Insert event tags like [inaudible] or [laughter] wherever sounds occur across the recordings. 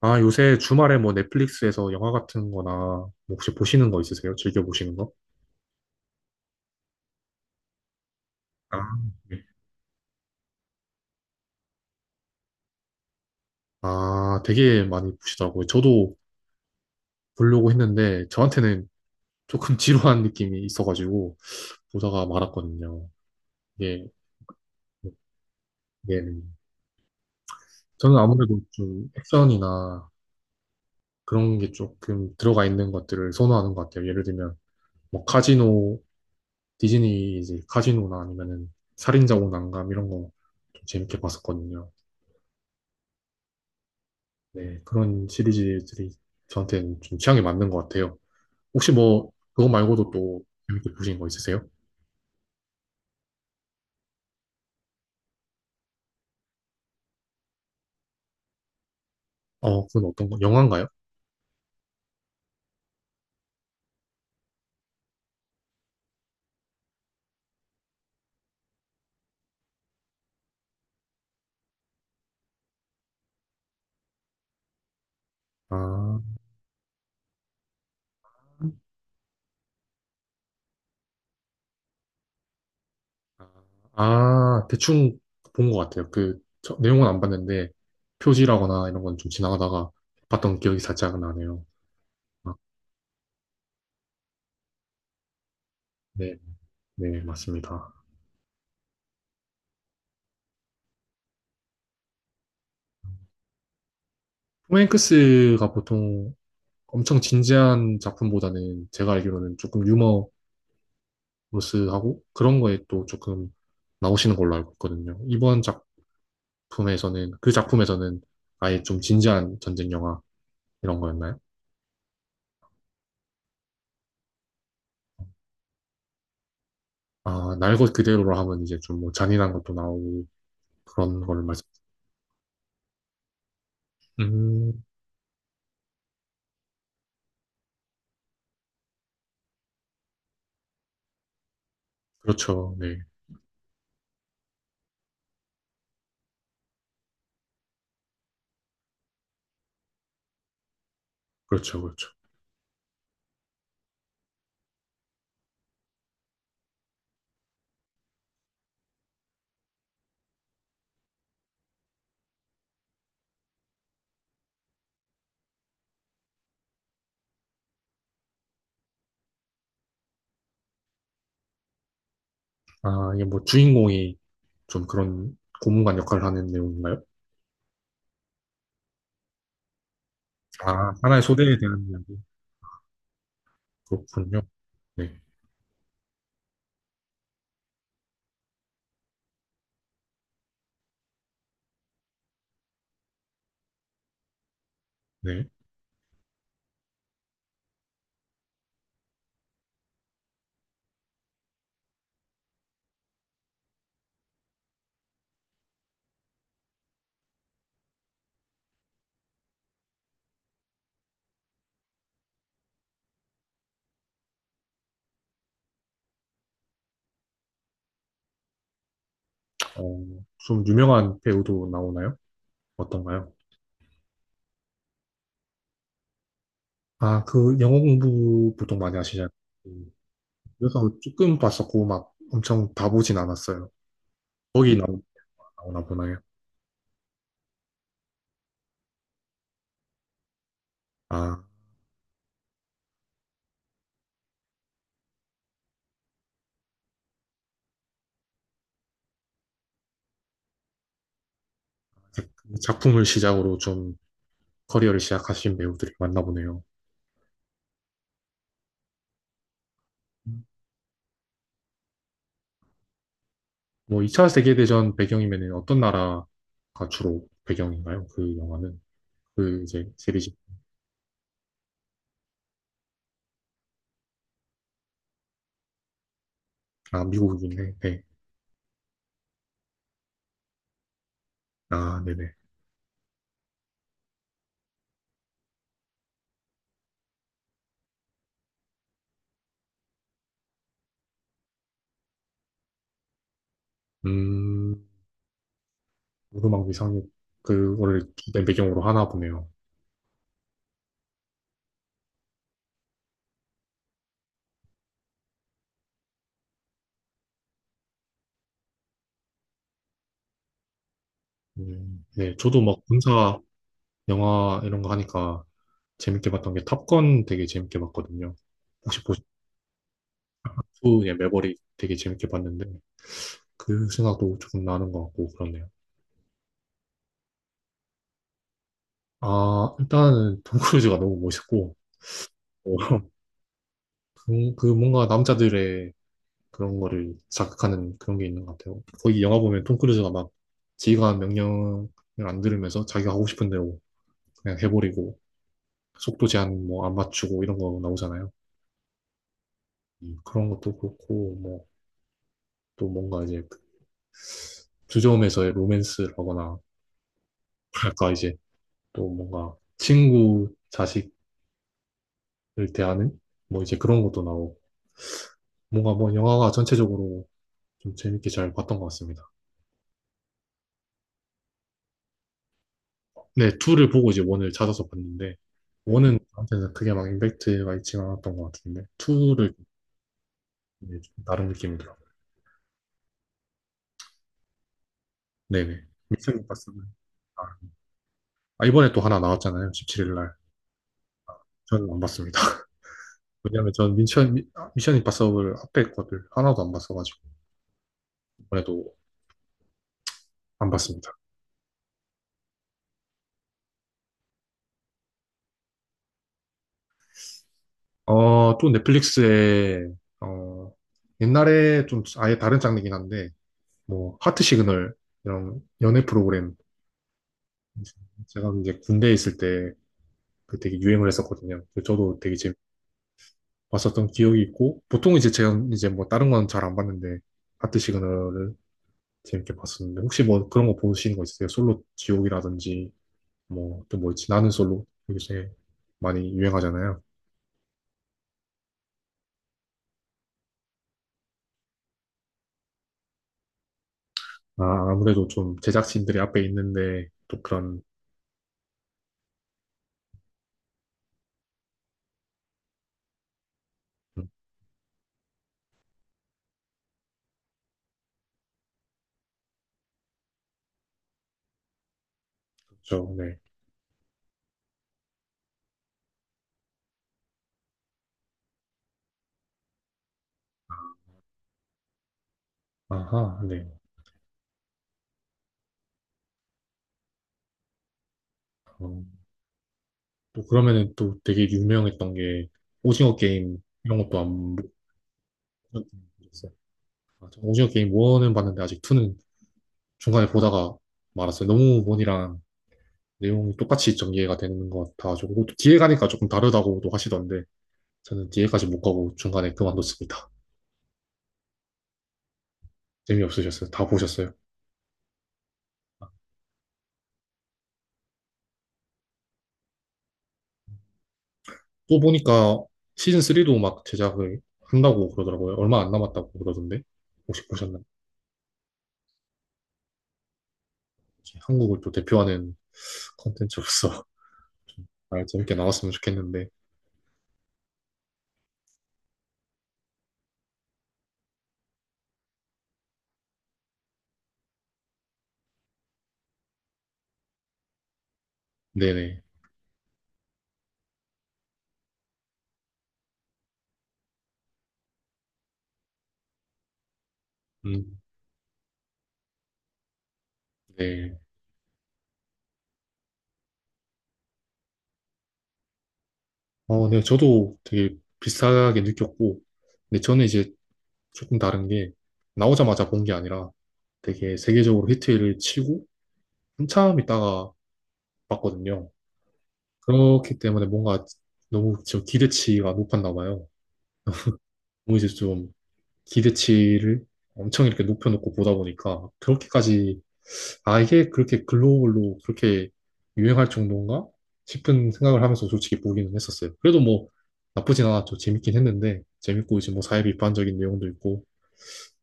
아, 요새 주말에 뭐 넷플릭스에서 영화 같은 거나 뭐 혹시 보시는 거 있으세요? 즐겨 보시는 거? 아, 네. 아, 되게 많이 보시더라고요. 저도 보려고 했는데 저한테는 조금 [laughs] 지루한 느낌이 있어가지고 보다가 말았거든요. 예, 예. 저는 아무래도 좀 액션이나 그런 게 조금 들어가 있는 것들을 선호하는 것 같아요. 예를 들면 뭐 카지노, 디즈니 이제 카지노나 아니면은 살인자 오난감 이런 거 좀 재밌게 봤었거든요. 네, 그런 시리즈들이 저한테는 좀 취향에 맞는 것 같아요. 혹시 뭐, 그거 말고도 또 재밌게 보신 거 있으세요? 어, 그건 어떤 거, 영화인가요? 아, 아, 아, 대충 본 것 같아요. 그, 저, 내용은 안 봤는데, 표지라거나 이런 건 좀 지나가다가 봤던 기억이 살짝 나네요. 아, 네, 네, 맞습니다. 톰 행크스가 보통 엄청 진지한 작품보다는 제가 알기로는 조금 유머러스하고 그런 거에 또 조금 나오시는 걸로 알고 있거든요. 이번 작, 작품에서는 그 작품에서는 아예 좀 진지한 전쟁 영화 이런 거였나요? 아, 날 것 그대로로 하면 이제 좀 뭐 잔인한 것도 나오고 그런 거를 말씀. 음, 그렇죠. 네. 그렇죠. 그렇죠. 아, 이게 뭐 주인공이 좀 그런 고문관 역할을 하는 내용인가요? 아, 하나의 소대에 대한 이야기. 그렇군요. 네. 네. 어, 좀 유명한 배우도 나오나요? 어떤가요? 아, 그 영어 공부 보통 많이 하시잖아요. 음, 그래서 조금 봤었고 막 엄청 다 보진 않았어요. 거기 나 나오나 보나요? 아, 작품을 시작으로 좀 커리어를 시작하신 배우들이 많나 보네요. 뭐 2차 세계대전 배경이면 어떤 나라가 주로 배경인가요? 그 영화는? 그 이제 시리즈. 아, 미국이네. 네. 아, 네네. 음, 오르막 위상이 그거를 주된 배경으로 하나 보네요. 네. 저도 막 군사 영화 이런 거 하니까 재밌게 봤던 게 탑건 되게 재밌게 봤거든요. 혹시 보셨 예, 매버릭 되게 재밌게 봤는데 그 생각도 조금 나는 것 같고 그렇네요. 아, 일단은 톰 크루즈가 너무 멋있고 어, 그 뭔가 남자들의 그런 거를 자극하는 그런 게 있는 것 같아요. 거기 영화 보면 톰 크루즈가 막 지휘관 명령을 안 들으면서 자기가 하고 싶은 대로 그냥 해버리고 속도 제한 뭐 안 맞추고 이런 거 나오잖아요. 그런 것도 그렇고 뭐 또 뭔가 이제 그 주점에서의 로맨스라거나 뭐랄까 이제 또 뭔가 친구 자식을 대하는 뭐 이제 그런 것도 나오고 뭔가 뭐 영화가 전체적으로 좀 재밌게 잘 봤던 것 같습니다. 네, 2를 보고 이제 1을 찾아서 봤는데, 1은 저한테는 그게 막 임팩트가 있지 않았던 것 같은데, 2를 나름 느낌이더라고요. 네네. 미션 봤습니다. 아, 아, 이번에 또 하나 나왔잖아요. 17일 날. 저는 안 봤습니다. [laughs] 왜냐면 전 미션, 미, 션 임파서블 앞에 것들 하나도 안 봤어가지고, 이번에도 안 봤습니다. 또 넷플릭스에, 어, 옛날에 좀 아예 다른 장르긴 한데, 뭐, 하트 시그널, 이런 연애 프로그램 제가 이제 군대에 있을 때 그 되게 유행을 했었거든요. 그 저도 되게 재밌 봤었던 기억이 있고 보통 이제 제가 이제 뭐 다른 건 잘 안 봤는데 하트 시그널을 재밌게 봤었는데 혹시 뭐 그런 거 보시는 거 있으세요? 솔로 지옥이라든지 뭐 또 뭐 있지? 나는 솔로 요새 많이 유행하잖아요. 아, 아무래도 좀 제작진들이 앞에 있는데 또 그런. 음, 그렇죠. 네. 아하, 네. 어, 또 그러면은 또 되게 유명했던 게 오징어 게임 이런 것도 안 보셨어요? 아, 저 오징어 게임 1은 봤는데 아직 2는 중간에 보다가 말았어요. 너무 원이랑 내용이 똑같이 좀 이해가 되는 것 같아가지고 또 뒤에 가니까 조금 다르다고도 하시던데 저는 뒤에까지 못 가고 중간에 그만뒀습니다. 재미없으셨어요? 다 보셨어요? 또 보니까 시즌 3도 막 제작을 한다고 그러더라고요. 얼마 안 남았다고 그러던데 혹시 보셨나요? 이 한국을 또 대표하는 컨텐츠로서 [laughs] 좀 잘 재밌게 나왔으면 좋겠는데. 네네. 음, 네. 어, 네, 저도 되게 비슷하게 느꼈고, 근데 저는 이제 조금 다른 게, 나오자마자 본 게 아니라 되게 세계적으로 히트를 치고 한참 있다가 봤거든요. 그렇기 때문에 뭔가 너무 저 기대치가 높았나 봐요. 너무 이제 좀 기대치를 엄청 이렇게 높여놓고 보다 보니까 그렇게까지, 아, 이게 그렇게 글로벌로 그렇게 유행할 정도인가? 싶은 생각을 하면서 솔직히 보기는 했었어요. 그래도 뭐 나쁘진 않았죠. 재밌긴 했는데, 재밌고 이제 뭐 사회 비판적인 내용도 있고,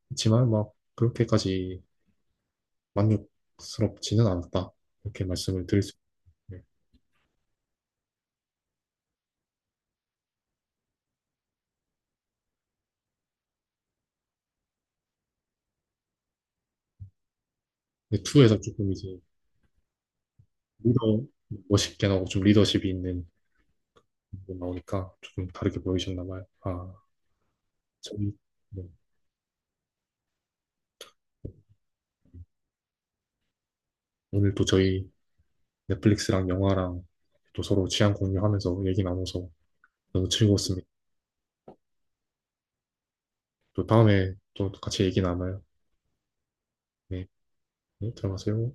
그렇지만 막 그렇게까지 만족스럽지는 않았다. 이렇게 말씀을 드릴 수 있어요. 근데 2에서 조금 이제 리더 멋있게 나오고 좀 리더십이 있는 부분 나오니까 조금 다르게 보이셨나 봐요. 아, 저희, 네. 오늘 또 저희 넷플릭스랑 영화랑 또 서로 취향 공유하면서 얘기 나눠서 너무 즐거웠습니다. 또 다음에 또 같이 얘기 나눠요. 네, 네, 들어가세요.